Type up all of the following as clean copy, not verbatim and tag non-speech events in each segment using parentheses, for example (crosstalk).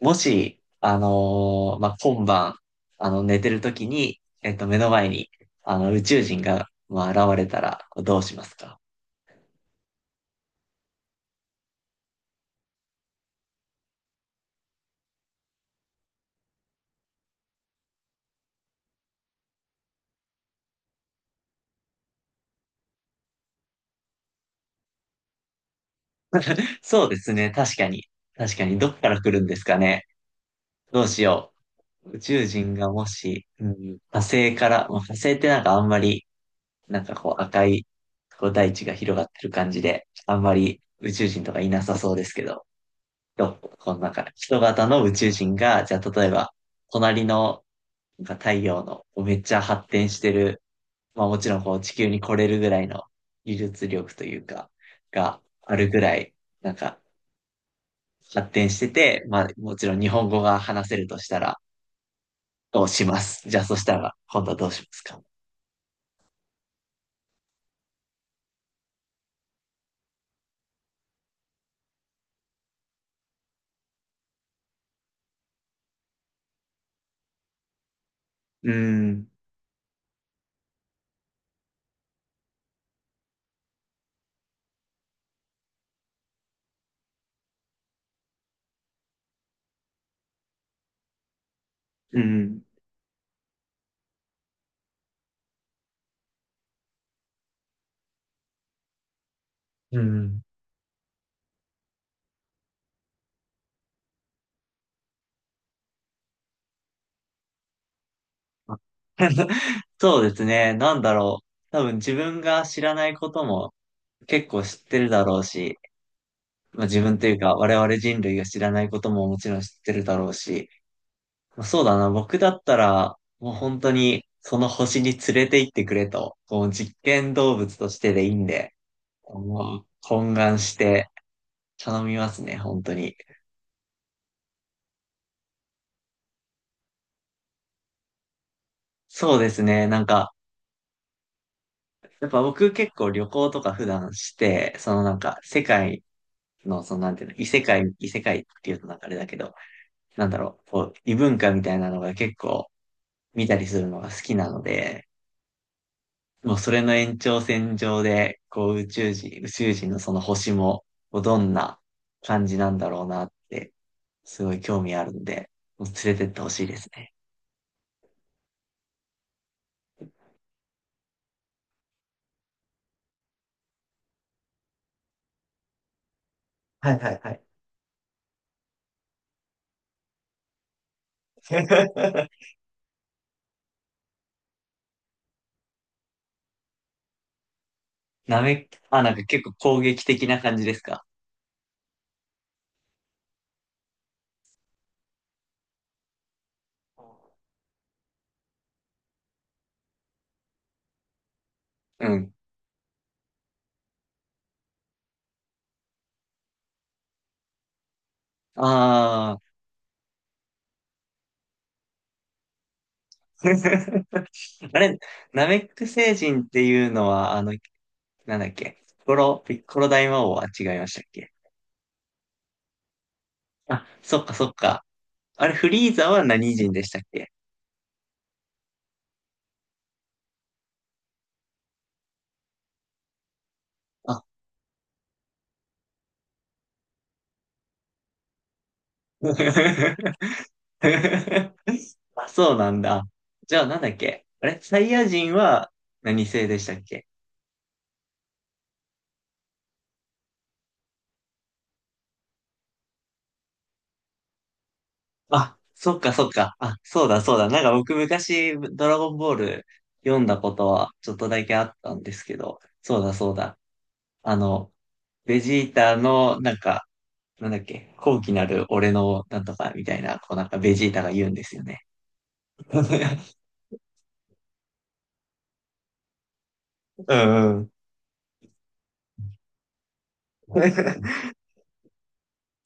もし、今晩、寝てる時に、目の前に、宇宙人が、まあ、現れたら、どうしますか？そうですね。確かに。確かに。どっから来るんですかね。どうしよう。宇宙人がもし、うん、火星から、まあ、火星ってなんかあんまり、なんかこう赤い、こう大地が広がってる感じで、あんまり宇宙人とかいなさそうですけど、どうこのなんか人型の宇宙人が、じゃあ例えば、隣の、なんか太陽のこうめっちゃ発展してる、まあもちろんこう地球に来れるぐらいの技術力というか、があるぐらい、なんか発展してて、まあもちろん日本語が話せるとしたら、をします。じゃあそしたら、今度はどうしますか？うーん、うん。うん。あ、 (laughs) そうですね。なんだろう。多分自分が知らないことも結構知ってるだろうし、まあ、自分というか我々人類が知らないことももちろん知ってるだろうし、まあ、そうだな。僕だったら、もう本当にその星に連れて行ってくれと、こう実験動物としてでいいんで、もう懇願して頼みますね。本当に。そうですね。なんか、やっぱ僕結構旅行とか普段して、そのなんか世界の、そのなんていうの、異世界、異世界っていうとなんかあれだけど、なんだろう、こう、異文化みたいなのが結構見たりするのが好きなので、もうそれの延長線上で、こう宇宙人、宇宙人のその星も、こうどんな感じなんだろうなって、すごい興味あるんで、もう連れてってほしいですね。はいはいはい。(laughs) なめ、あ、なんか結構攻撃的な感じですか？うん。ああ。(laughs) あれ、ナメック星人っていうのは、あの、なんだっけ、ピッコロ大魔王は違いましたっけ？あ、そっかそっか。あれ、フリーザは何人でしたっけ？あ、(laughs) あ、そうなんだ。じゃあ、なんだっけあれ、サイヤ人は何星でしたっけ？あ、そっかそっか。あ、そうだそうだ。なんか僕昔、ドラゴンボール読んだことはちょっとだけあったんですけど、そうだそうだ。あの、ベジータの、なんか、なんだっけ、高貴なる俺のなんとかみたいな、こうなんかベジータが言うんですよね。(laughs) うんうん。(laughs)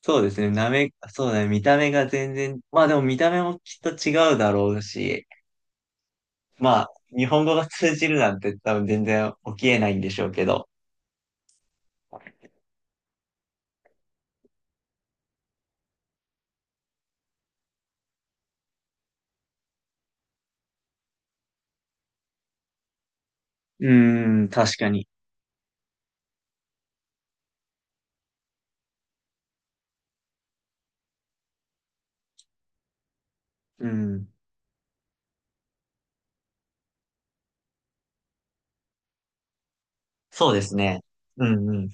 そうですね、なめ、そうだね、見た目が全然、まあでも見た目もきっと違うだろうし、まあ、日本語が通じるなんて多分全然起きえないんでしょうけど。うーん、確かに。うん。そうですね。うんうん。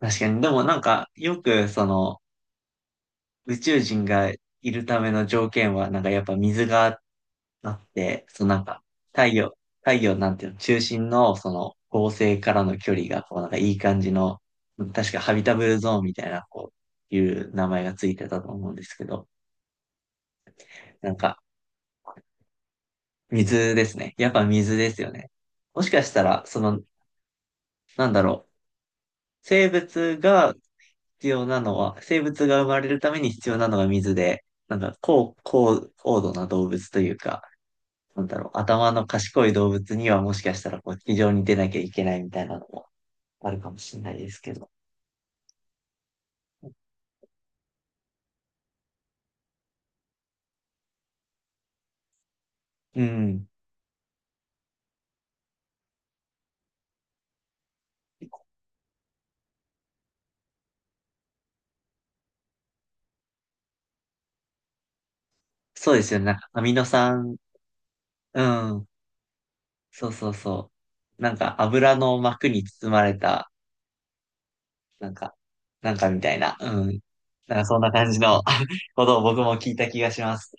確かに。でもなんか、よくその、宇宙人がいるための条件は、なんかやっぱ水があっだって、そのなんか、太陽なんていうの、中心のその恒星からの距離が、こうなんかいい感じの、確かハビタブルゾーンみたいな、こう、いう名前がついてたと思うんですけど、なんか、水ですね。やっぱ水ですよね。もしかしたら、その、なんだろう、生物が必要なのは、生物が生まれるために必要なのが水で、なんか高度な動物というか、なんだろう、頭の賢い動物にはもしかしたらこう、非常に出なきゃいけないみたいなのもあるかもしれないですけど。うん。そうですよね。なんかアミノ酸、うん。そうそうそう。なんか油の膜に包まれた、なんか、なんかみたいな。うん。なんかそんな感じの (laughs) ことを僕も聞いた気がします。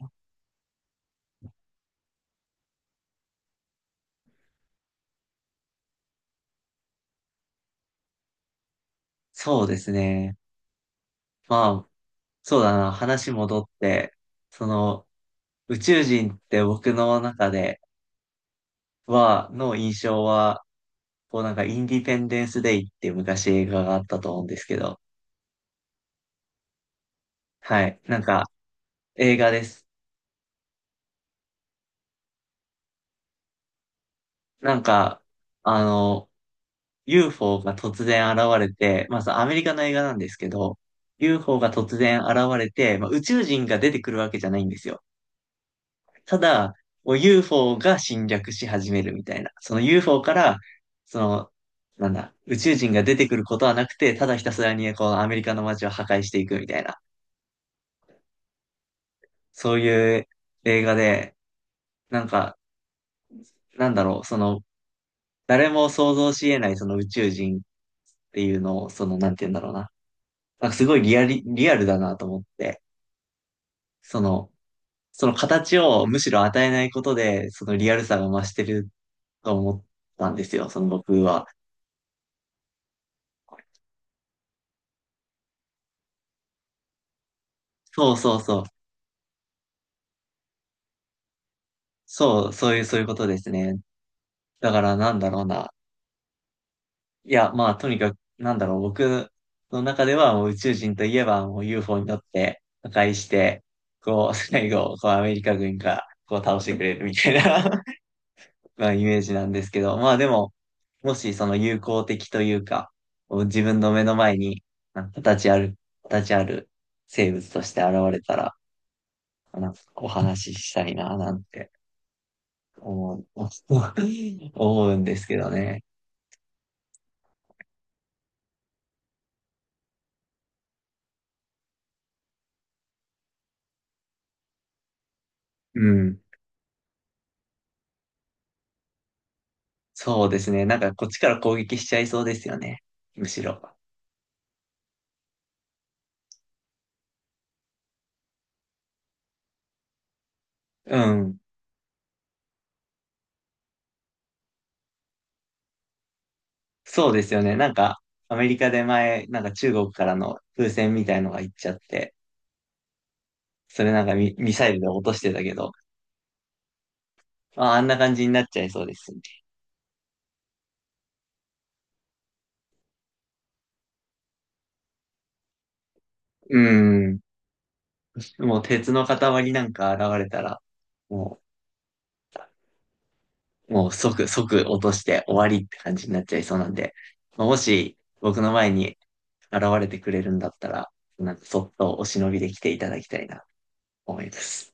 そうですね。まあ、そうだな。話戻って、その、宇宙人って僕の中では、の印象は、こうなんかインディペンデンスデイっていう昔映画があったと思うんですけど、はい。なんか、映画です。なんか、あの、UFO が突然現れて、まずアメリカの映画なんですけど、UFO が突然現れて、まあ、宇宙人が出てくるわけじゃないんですよ。ただ、もう UFO が侵略し始めるみたいな。その UFO から、その、なんだ、宇宙人が出てくることはなくて、ただひたすらにこのアメリカの街を破壊していくみたいな、そういう映画で、なんか、なんだろう、その、誰も想像し得ないその宇宙人っていうのを、その、なんて言うんだろうな。なんかすごいリアルだなと思って、その、その形をむしろ与えないことで、そのリアルさが増してると思ったんですよ、その僕は。そうそうそう。そう、そういうことですね。だからなんだろうな。いや、まあ、とにかく、なんだろう、僕の中ではもう宇宙人といえばもう UFO に乗って破壊して、こう、最後、こうアメリカ軍がこう倒してくれるみたいな、まあ、イメージなんですけど、まあでも、もしその友好的というか、こう自分の目の前に、なんか形ある、形ある生物として現れたら、なんかお話ししたいな、なんて思う、(laughs) 思うんですけどね。うん。そうですね。なんかこっちから攻撃しちゃいそうですよね。むしろ。うん。そうですよね。なんか、アメリカで前、なんか中国からの風船みたいのが行っちゃって、それなんかミ、ミサイルで落としてたけど、あ、あんな感じになっちゃいそうですね。うん。もう鉄の塊なんか現れたら、もう、即落として終わりって感じになっちゃいそうなんで、まあもし僕の前に現れてくれるんだったら、なんかそっとお忍びで来ていただきたいなと思います。